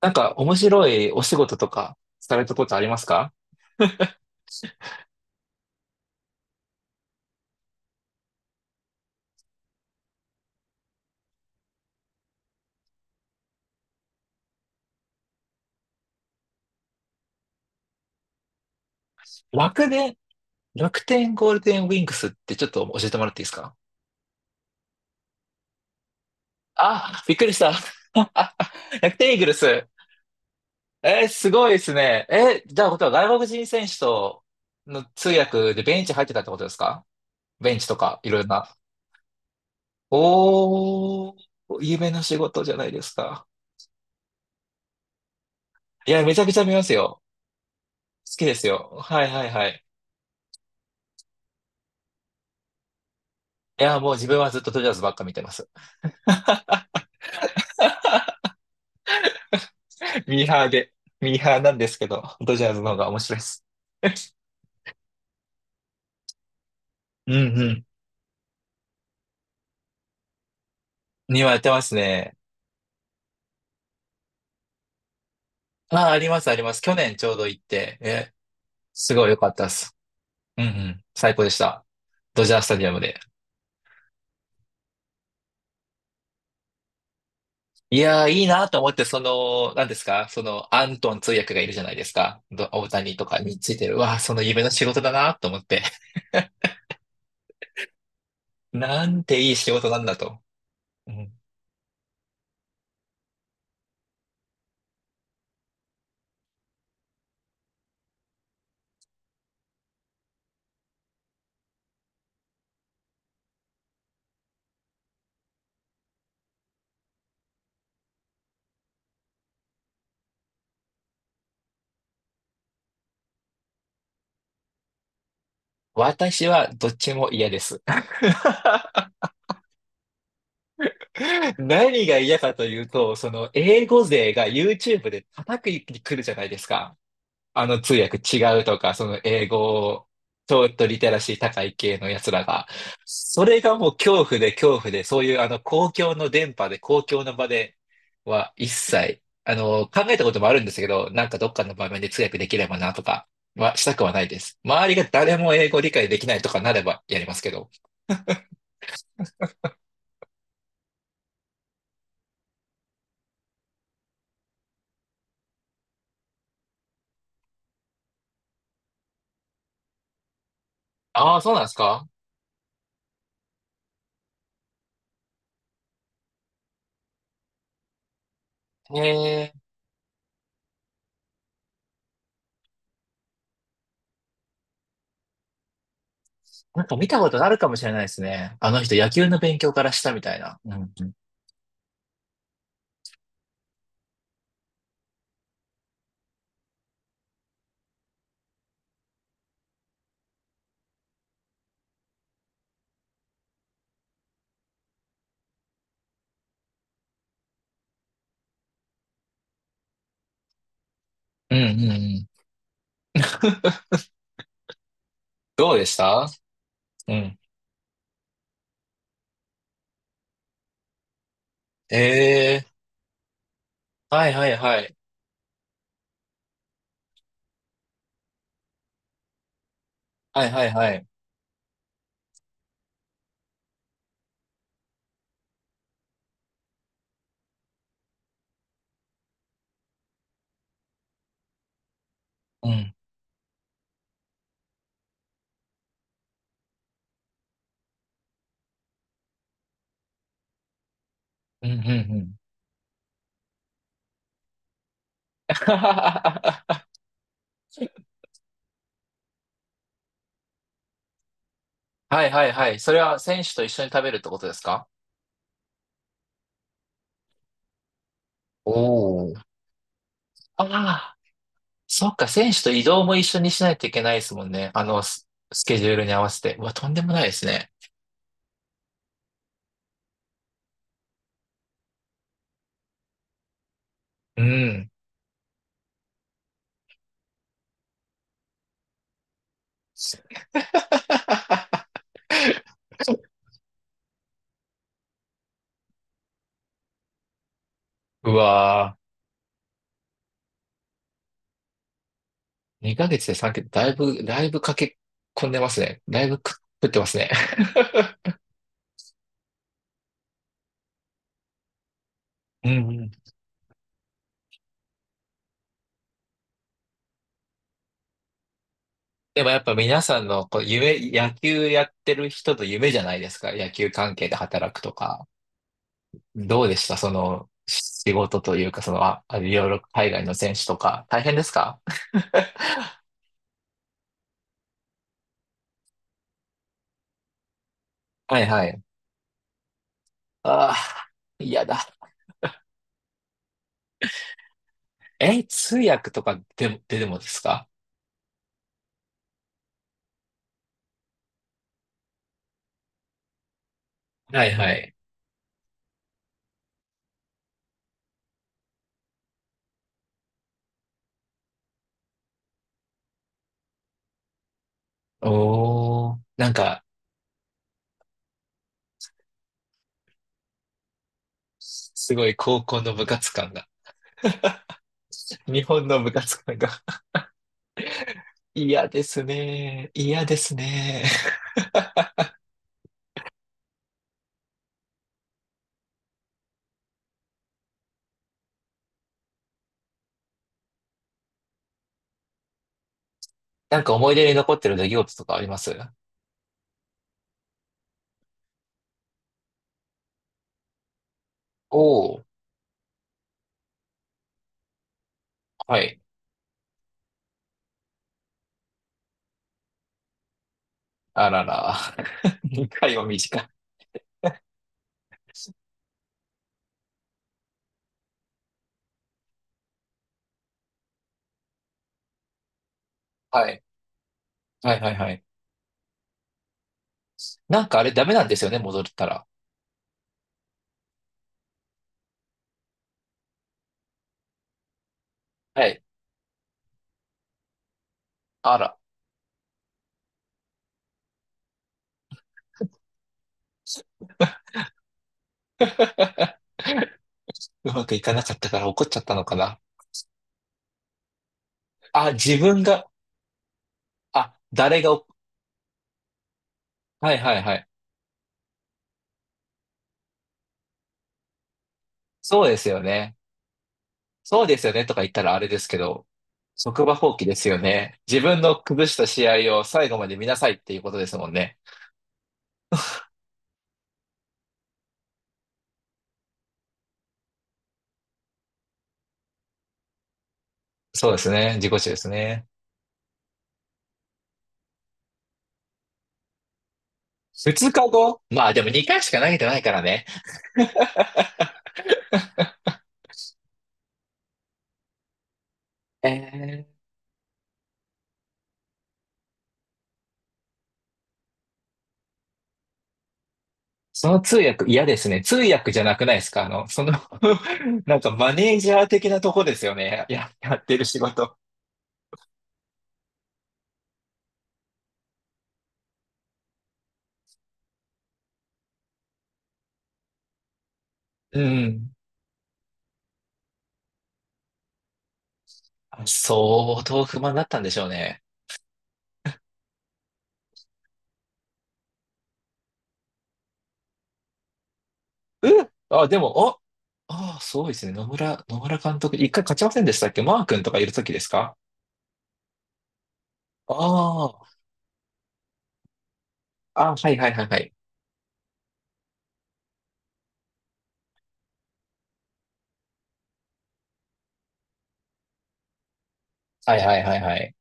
なんか面白いお仕事とかされたことありますか？楽で、楽天ゴールデンウィンクスってちょっと教えてもらっていいですか？あ、びっくりした。楽天イーグルス。すごいですね。じゃあ、ことは外国人選手との通訳でベンチ入ってたってことですか？ベンチとかいろいろな。おー、夢の仕事じゃないですか。いや、めちゃくちゃ見ますよ。好きですよ。はいはいはい。いや、もう自分はずっとドジャースばっか見てます。ミーハーで、ミーハーなんですけど、ドジャーズの方が面白いです。うんうん。にはやってますね。ああ、ありますあります。去年ちょうど行って、え、すごい良かったです。うんうん。最高でした。ドジャースタジアムで。いやー、いいなと思って、その、何ですかその、アントン通訳がいるじゃないですか。大谷とかについてる。わあ、その夢の仕事だなと思って。なんていい仕事なんだと。うん、私はどっちも嫌です。何が嫌かというと、その英語勢が YouTube で叩くに来るじゃないですか。あの通訳違うとか、その英語、ちょっとリテラシー高い系のやつらが。それがもう恐怖で恐怖で、そういうあの公共の電波で、公共の場では一切、あの、考えたこともあるんですけど、なんかどっかの場面で通訳できればなとかはしたくはないです。周りが誰も英語理解できないとかなればやりますけど。ああ、そうなんですか？へえ。なんか見たことあるかもしれないですね。あの人野球の勉強からしたみたいな。うんうん。うんうんうん。どうでした？うん。ええ、はいはいはい。はいはいはい。うん。うんうんうん。はいはいはい。それは選手と一緒に食べるってことですか？おおー。ああ、そっか、選手と移動も一緒にしないといけないですもんね。あの、スケジュールに合わせて。うわ、とんでもないですね。うん。うわー、2ヶ月で3桁、だいぶ、だいぶ駆け込んでますね。だいぶ食ってますね。うんうん。でもやっぱ皆さんのこう夢、野球やってる人の夢じゃないですか。野球関係で働くとか。どうでしたその仕事というか、その、あ、あいろいろ海外の選手とか。大変ですか？ はいはい。ああ、嫌だ。え、通訳とかでも、でもですか？はいはい。おー、なんか、すごい高校の部活感が、日本の部活感が嫌ですね。嫌ですね。なんか思い出に残ってる出来事とかあります？おおー、はい。あらら。2回は短い。はい。はいはいはい。なんかあれダメなんですよね、戻ったら。はい。あら。うまくいかなかったから怒っちゃったのかな。あ、自分が、あ、誰がお、はいはいはい。そうですよね。そうですよねとか言ったらあれですけど、職場放棄ですよね。自分の崩した試合を最後まで見なさいっていうことですもんね。そうですね。自己中ですね。2日後、まあでも2回しか投げてないからね。えー、その通訳嫌ですね。通訳じゃなくないですかあの、その なんかマネージャー的なとこですよね。や、やってる仕事。うん。あ、相当不満だったんでしょうね。うん、あ、でも、あ、ああ、そうですね。野村監督、一回勝ちませんでしたっけ？マー君とかいるときですか？ああ、あ、はいはいはいはい。はいはいはいはい。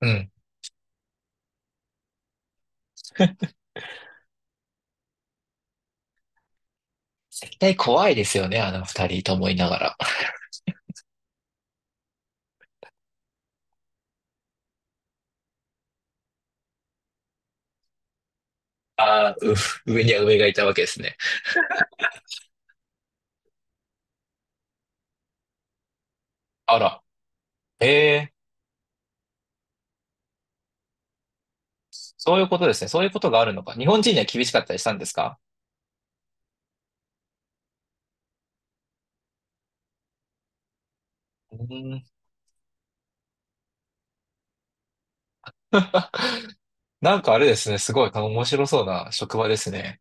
うん。絶対怖いですよね、あの二人と思いながら。あー、う 上には上がいたわけですね。あら。へえ、そういうことですね。そういうことがあるのか。日本人には厳しかったりしたんですか？うーん。なんかあれですね。すごい面白そうな職場ですね。